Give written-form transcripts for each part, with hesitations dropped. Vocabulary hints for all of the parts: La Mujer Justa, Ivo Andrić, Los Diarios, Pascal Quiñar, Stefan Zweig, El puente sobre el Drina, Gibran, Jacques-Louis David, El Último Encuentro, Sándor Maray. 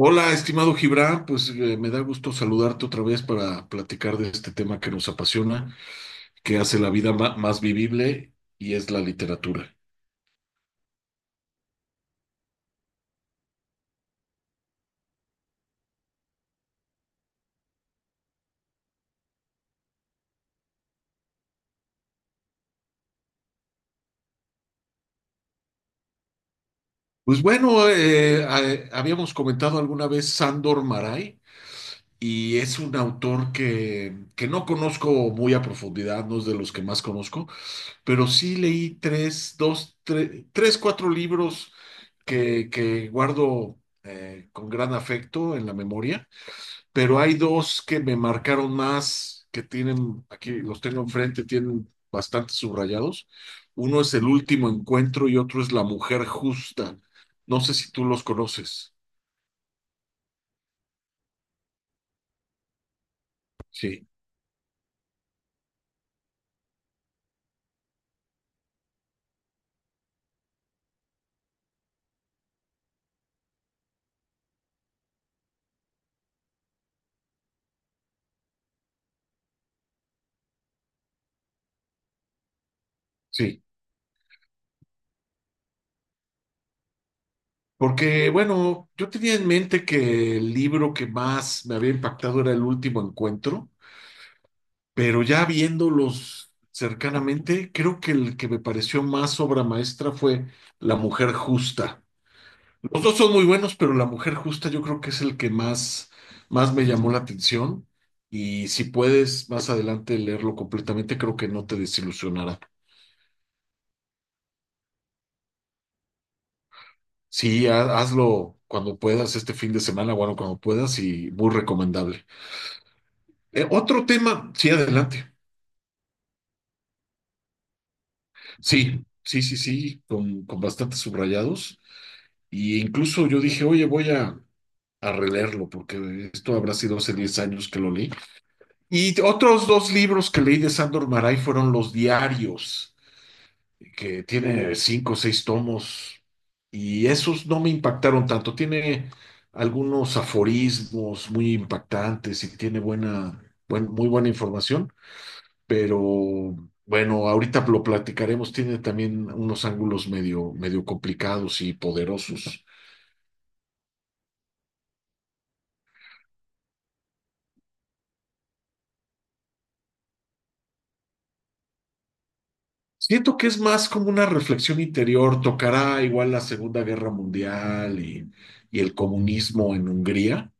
Hola, estimado Gibran, pues me da gusto saludarte otra vez para platicar de este tema que nos apasiona, que hace la vida más vivible y es la literatura. Pues bueno, habíamos comentado alguna vez Sándor Maray, y es un autor que no conozco muy a profundidad, no es de los que más conozco, pero sí leí tres, dos, tres, cuatro libros que guardo con gran afecto en la memoria. Pero hay dos que me marcaron más, que tienen, aquí los tengo enfrente, tienen bastante subrayados. Uno es El Último Encuentro y otro es La Mujer Justa. No sé si tú los conoces. Sí, sí. Porque, bueno, yo tenía en mente que el libro que más me había impactado era El Último Encuentro, pero ya viéndolos cercanamente, creo que el que me pareció más obra maestra fue La Mujer Justa. Los dos son muy buenos, pero La Mujer Justa yo creo que es el que más, más me llamó la atención. Y si puedes más adelante leerlo completamente, creo que no te desilusionará. Sí, hazlo cuando puedas, este fin de semana, bueno, cuando puedas, y muy recomendable. Otro tema, sí, adelante. Sí, sí, sí, sí, con bastantes subrayados. Y incluso yo dije, oye, a releerlo, porque esto habrá sido hace 10 años que lo leí. Y otros dos libros que leí de Sándor Maray fueron Los Diarios, que tiene 5 o 6 tomos, y esos no me impactaron tanto. Tiene algunos aforismos muy impactantes y tiene buena, muy buena información, pero bueno, ahorita lo platicaremos. Tiene también unos ángulos medio, medio complicados y poderosos. Siento que es más como una reflexión interior, tocará igual la Segunda Guerra Mundial y el comunismo en Hungría,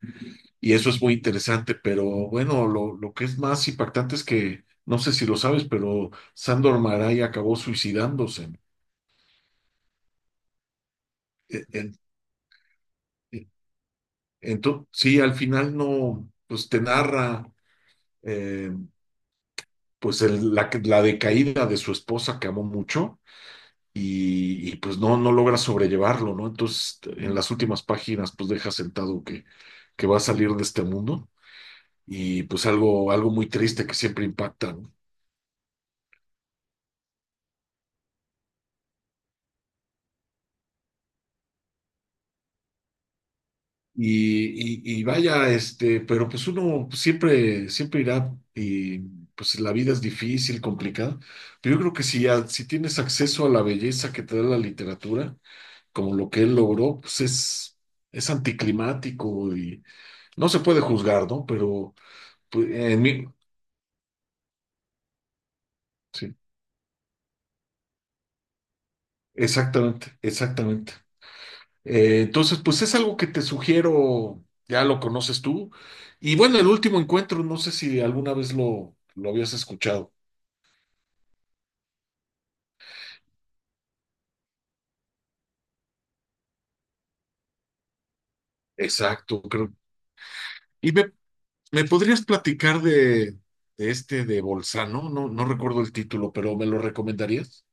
y eso es muy interesante, pero bueno, lo que es más impactante es que, no sé si lo sabes, pero Sándor Márai acabó suicidándose. En- en- en- Entonces, sí, al final no, pues te narra eh, pues la decaída de su esposa que amó mucho pues no, no logras sobrellevarlo, ¿no? Entonces, en las últimas páginas, pues deja sentado que va a salir de este mundo, y pues algo, algo muy triste que siempre impacta, ¿no? Y vaya, este, pero pues uno siempre, siempre irá y pues la vida es difícil, complicada, pero yo creo que si, si tienes acceso a la belleza que te da la literatura, como lo que él logró, pues es anticlimático y no se puede juzgar, ¿no? Pero pues, en mí, sí. Exactamente, exactamente. Entonces, pues es algo que te sugiero, ya lo conoces tú. Y bueno, el último encuentro, no sé si alguna vez lo habías escuchado. Exacto, creo. Y me ¿Me podrías platicar de este de Bolzano? No recuerdo el título, pero ¿me lo recomendarías?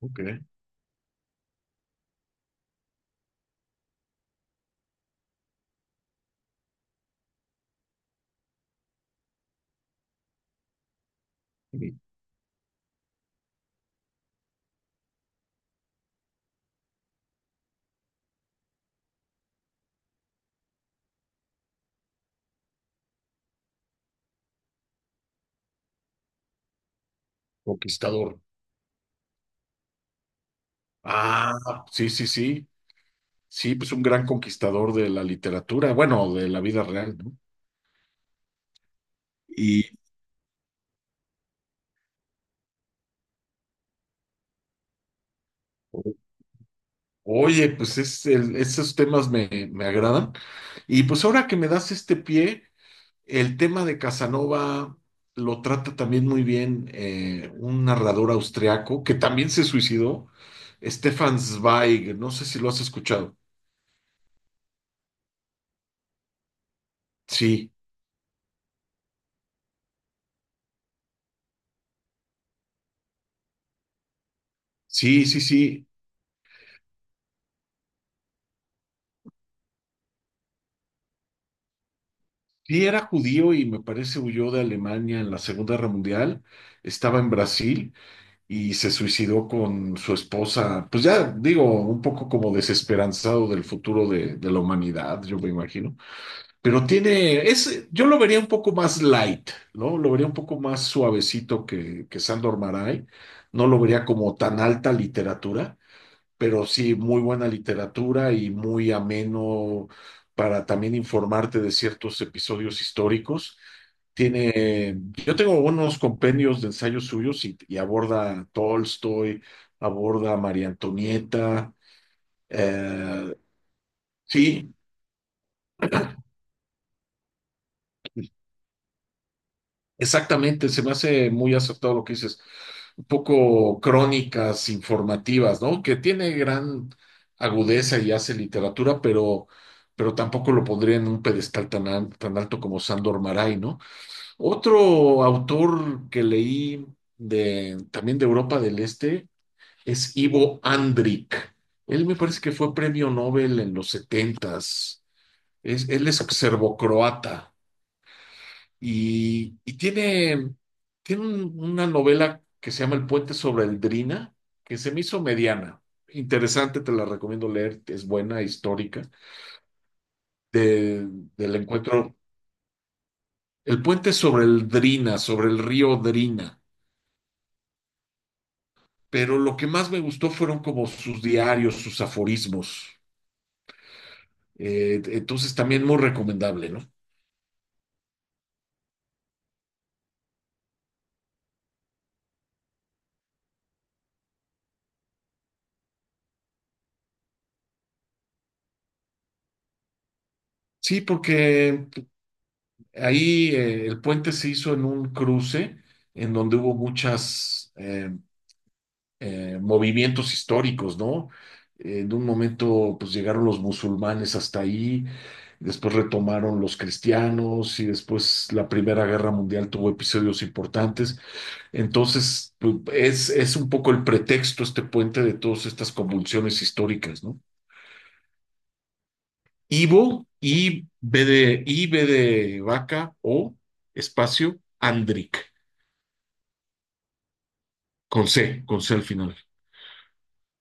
Ok. Mi conquistador. Ah, sí, sí, sí. Sí, pues un gran conquistador de la literatura, bueno, de la vida real, ¿no? Y ok. Oye, pues esos temas me agradan. Y pues ahora que me das este pie, el tema de Casanova lo trata también muy bien, un narrador austriaco que también se suicidó, Stefan Zweig, no sé si lo has escuchado. Sí, sí, sí, sí. Sí, era judío y me parece huyó de Alemania en la Segunda Guerra Mundial, estaba en Brasil. Y se suicidó con su esposa. Pues ya digo, un poco como desesperanzado del futuro de la humanidad, yo me imagino. Pero tiene, es, yo lo vería un poco más light, ¿no? Lo vería un poco más suavecito que Sandor Maray. No lo vería como tan alta literatura, pero sí, muy buena literatura y muy ameno para también informarte de ciertos episodios históricos. Tiene, yo tengo unos compendios de ensayos suyos y aborda a Tolstoy, aborda a María Antonieta. eh, sí. Exactamente, se me hace muy acertado lo que dices. Un poco crónicas informativas, ¿no? Que tiene gran agudeza y hace literatura, pero tampoco lo pondría en un pedestal tan, tan alto como Sándor Maray, ¿no? Otro autor que leí también de Europa del Este es Ivo Andrić. Él me parece que fue premio Nobel en los 70. Es, él es serbocroata. Y tiene, tiene una novela que se llama El puente sobre el Drina, que se me hizo mediana. Interesante, te la recomiendo leer, es buena, histórica, de- del encuentro. El puente sobre el Drina, sobre el río Drina. Pero lo que más me gustó fueron como sus diarios, sus aforismos. Entonces también muy recomendable, ¿no? Sí, porque ahí el puente se hizo en un cruce en donde hubo muchas... movimientos históricos, ¿no? En un momento, pues llegaron los musulmanes hasta ahí, después retomaron los cristianos y después la Primera Guerra Mundial tuvo episodios importantes. Entonces, pues, es un poco el pretexto, este puente de todas estas convulsiones históricas, ¿no? Ivo, I, B de vaca, O, espacio, Andric, con C al final.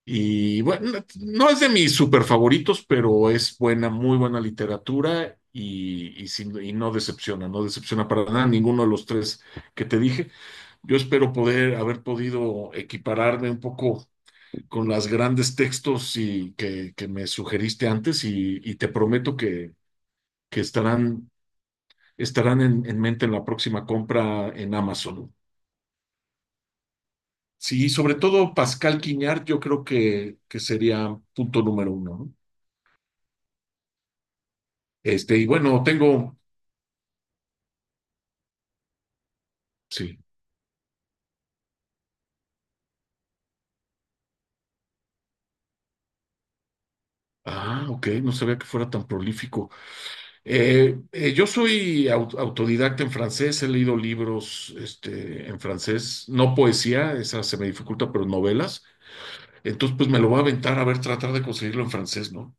Y bueno, no es de mis super favoritos, pero es buena, muy buena literatura y no decepciona, no decepciona para nada ninguno de los tres que te dije. Yo espero poder haber podido equipararme un poco con las grandes textos que me sugeriste antes y te prometo que estarán, estarán en mente en la próxima compra en Amazon. Sí, sobre todo Pascal Quiñar, yo creo que sería punto número uno, ¿no? Este, y bueno, tengo, sí. Ah, ok, no sabía que fuera tan prolífico. Yo soy autodidacta en francés, he leído libros, este, en francés, no poesía, esa se me dificulta, pero novelas. Entonces, pues me lo voy a aventar a ver, tratar de conseguirlo en francés, ¿no?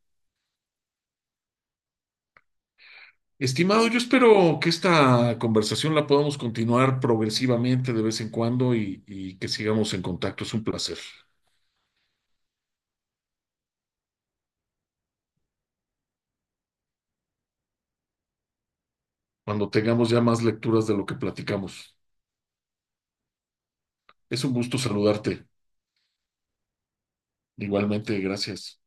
Estimado, yo espero que esta conversación la podamos continuar progresivamente de vez en cuando y que sigamos en contacto. Es un placer. Cuando tengamos ya más lecturas de lo que platicamos. Es un gusto saludarte. Igualmente, gracias.